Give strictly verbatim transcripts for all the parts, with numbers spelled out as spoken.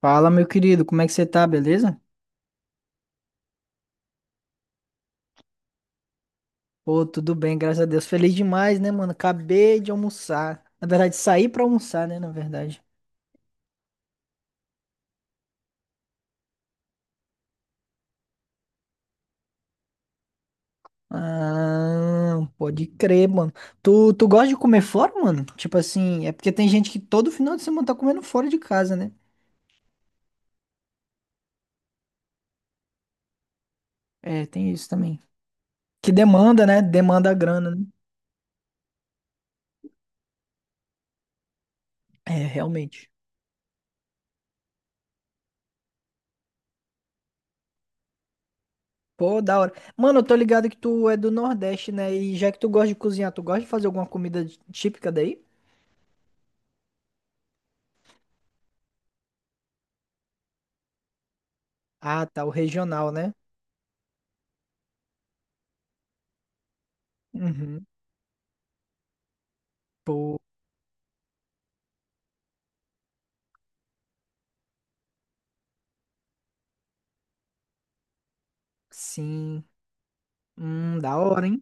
Fala, meu querido, como é que você tá, beleza? Pô, tudo bem, graças a Deus. Feliz demais, né, mano? Acabei de almoçar. Na verdade, saí pra almoçar, né, na verdade. Ah, pode crer, mano. Tu, tu gosta de comer fora, mano? Tipo assim, é porque tem gente que todo final de semana tá comendo fora de casa, né? É, tem isso também. Que demanda, né? Demanda grana, né? É, realmente. Pô, da hora. Mano, eu tô ligado que tu é do Nordeste, né? E já que tu gosta de cozinhar, tu gosta de fazer alguma comida típica daí? Ah, tá, o regional, né? Uhum. Pô, sim. Hum, da hora, hein?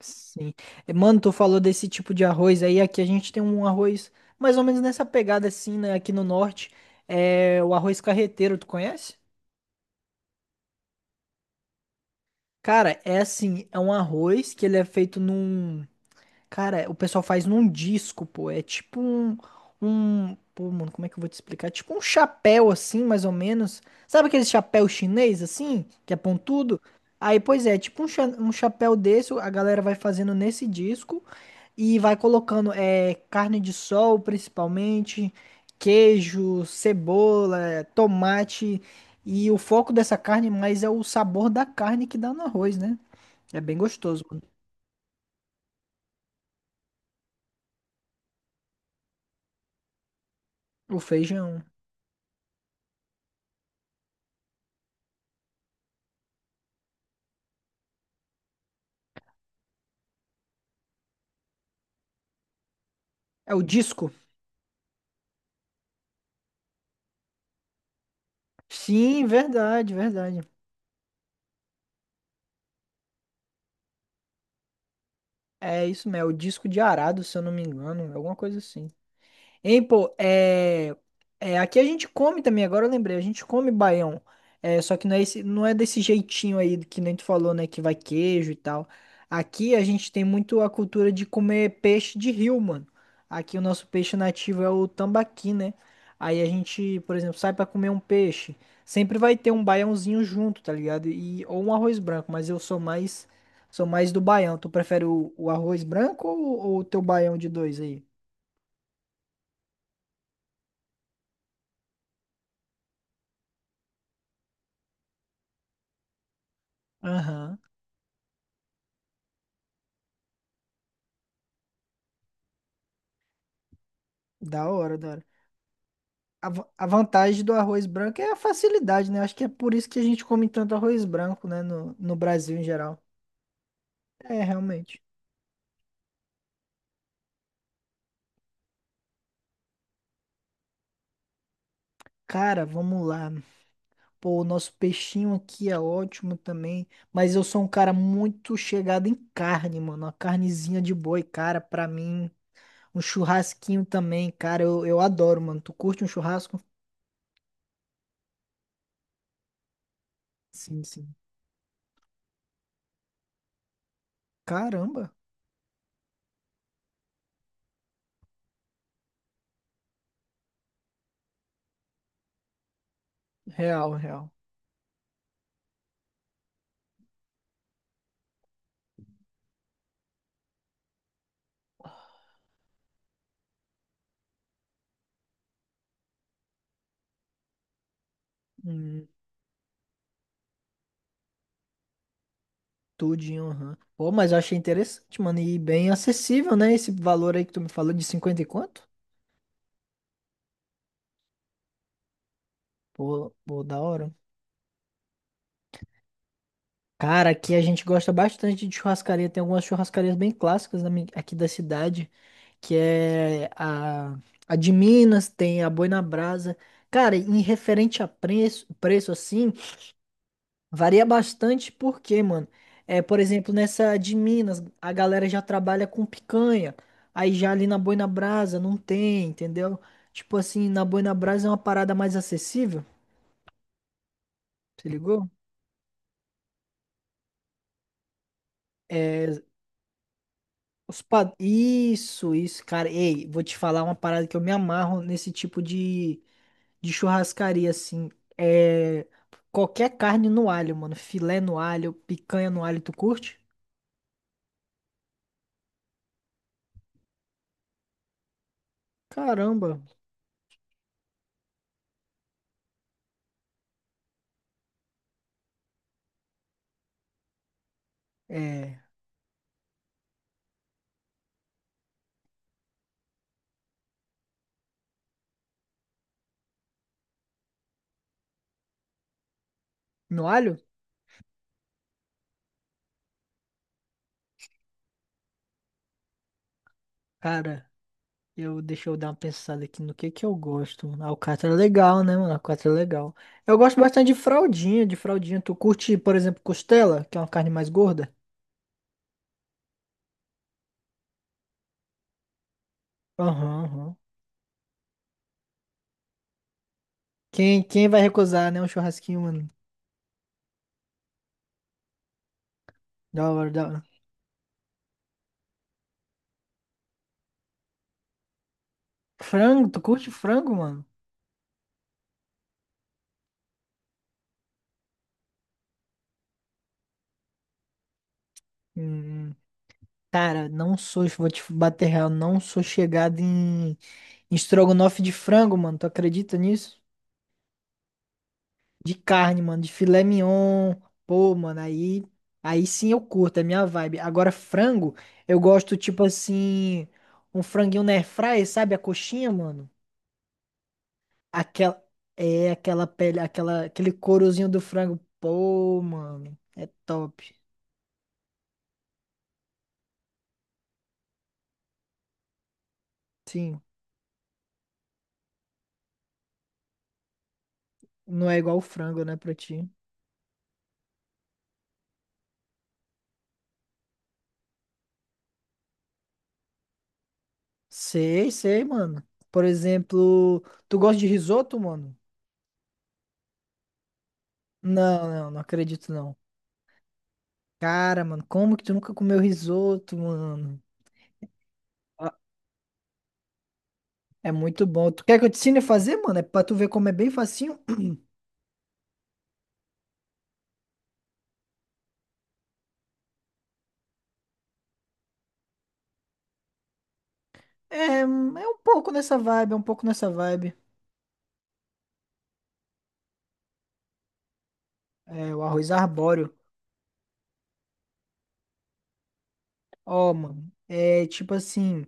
Sim. Eh, mano, tu falou desse tipo de arroz aí. Aqui a gente tem um arroz mais ou menos nessa pegada assim, né? Aqui no norte. É o arroz carreteiro, tu conhece? Cara, é assim, é um arroz que ele é feito num. Cara, o pessoal faz num disco, pô. É tipo um, um. Pô, mano, como é que eu vou te explicar? É tipo um chapéu, assim, mais ou menos. Sabe aquele chapéu chinês, assim? Que é pontudo? Aí, pois é, tipo um, cha- um chapéu desse, a galera vai fazendo nesse disco e vai colocando é, carne de sol, principalmente, queijo, cebola, tomate. E o foco dessa carne mais é o sabor da carne que dá no arroz, né? É bem gostoso, mano. O feijão. É o disco. Sim, verdade, verdade. É isso mesmo, é o disco de arado, se eu não me engano, alguma coisa assim. Hein, pô, é, é, aqui a gente come também, agora eu lembrei, a gente come baião. É, só que não é, esse, não é desse jeitinho aí que nem tu falou, né? Que vai queijo e tal. Aqui a gente tem muito a cultura de comer peixe de rio, mano. Aqui o nosso peixe nativo é o tambaqui, né? Aí a gente, por exemplo, sai pra comer um peixe. Sempre vai ter um baiãozinho junto, tá ligado? E, ou um arroz branco, mas eu sou mais, sou mais do baião. Tu prefere o, o arroz branco ou, ou o teu baião de dois aí? Aham. Da hora, da hora. A, va- a vantagem do arroz branco é a facilidade, né? Acho que é por isso que a gente come tanto arroz branco, né? No, no Brasil em geral. É, realmente. Cara, vamos lá. Pô, o nosso peixinho aqui é ótimo também. Mas eu sou um cara muito chegado em carne, mano. Uma carnezinha de boi, cara, pra mim. Um churrasquinho também, cara. Eu, eu adoro, mano. Tu curte um churrasco? Sim, sim. Caramba. Real, real. Hum. Tudinho, aham. Pô, mas eu achei interessante, mano. E bem acessível, né? Esse valor aí que tu me falou de cinquenta e quanto? Pô, pô, da hora. Cara, aqui a gente gosta bastante de churrascaria. Tem algumas churrascarias bem clássicas da mi- aqui da cidade, que é a, a de Minas, tem a Boi na Brasa. Cara, em referente a preço, preço assim. Varia bastante porque, mano, é, por exemplo, nessa de Minas, a galera já trabalha com picanha, aí já ali na Boi na Brasa não tem, entendeu? Tipo assim, na Boi na Brasa é uma parada mais acessível, se ligou? É, os pa- isso, isso, cara. Ei, vou te falar uma parada que eu me amarro nesse tipo de, de churrascaria, assim. É qualquer carne no alho, mano. Filé no alho, picanha no alho, tu curte? Caramba, é. No alho? Cara. Eu, deixa eu dar uma pensada aqui no que que eu gosto. Mano. Alcatra é legal, né, mano? Alcatra é legal. Eu gosto bastante de fraldinha, de fraldinha. Tu curte, por exemplo, costela, que é uma carne mais gorda? Aham, aham. Quem, quem vai recusar, né? Um churrasquinho, mano. Da hora, da hora. Frango, tu curte frango, mano? Hum, cara, não sou, vou te bater real, não sou chegado em, em estrogonofe de frango, mano. Tu acredita nisso? De carne, mano, de filé mignon. Pô, mano, aí, aí sim eu curto, é minha vibe. Agora, frango, eu gosto, tipo assim, um franguinho na air sabe? A coxinha, mano. Aquela, é, aquela pele, aquela, aquele courozinho do frango. Pô, mano, é top. Sim, não é igual o frango, né, pra ti. Sei, sei, mano. Por exemplo, tu gosta de risoto, mano? Não, não, não acredito, não. Cara, mano, como que tu nunca comeu risoto, mano? É muito bom. Tu quer que eu te ensine a fazer, mano? É pra tu ver como é bem facinho. É, hum, é um pouco nessa vibe, é um pouco nessa vibe. É, o arroz arbóreo. Ó, mano. É tipo assim.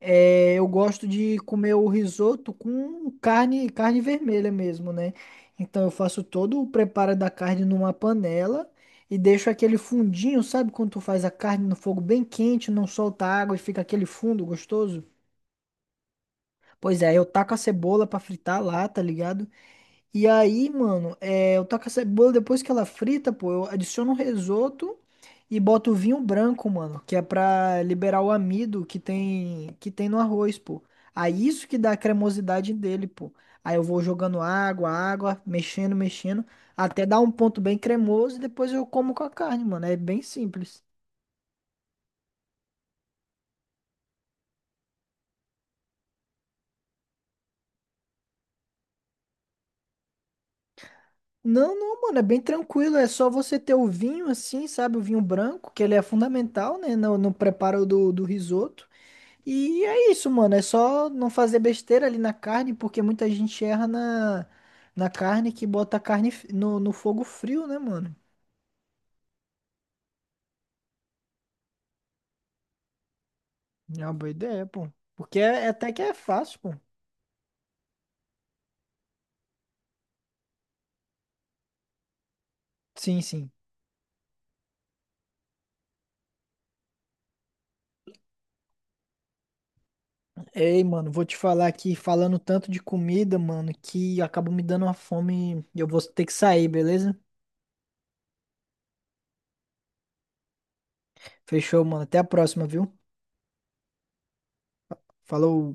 É, eu gosto de comer o risoto com carne, carne vermelha mesmo, né? Então eu faço todo o preparo da carne numa panela e deixo aquele fundinho, sabe? Quando tu faz a carne no fogo bem quente, não solta água e fica aquele fundo gostoso. Pois é, eu taco a cebola pra fritar lá, tá ligado? E aí, mano, é, eu taco essa cebola depois que ela frita, pô, eu adiciono um risoto e boto o vinho branco, mano, que é pra liberar o amido que tem que tem no arroz, pô. Aí isso que dá a cremosidade dele, pô. Aí eu vou jogando água, água, mexendo, mexendo, até dar um ponto bem cremoso e depois eu como com a carne, mano. É bem simples. Não, não, mano, é bem tranquilo. É só você ter o vinho assim, sabe? O vinho branco, que ele é fundamental, né? No, no preparo do, do risoto. E é isso, mano. É só não fazer besteira ali na carne, porque muita gente erra na, na carne que bota a carne f- no, no fogo frio, né, mano? É uma boa ideia, pô. Porque é, é até que é fácil, pô. Sim, sim. Ei, mano, vou te falar aqui, falando tanto de comida, mano, que acabou me dando uma fome e eu vou ter que sair, beleza? Fechou, mano. Até a próxima, viu? Falou.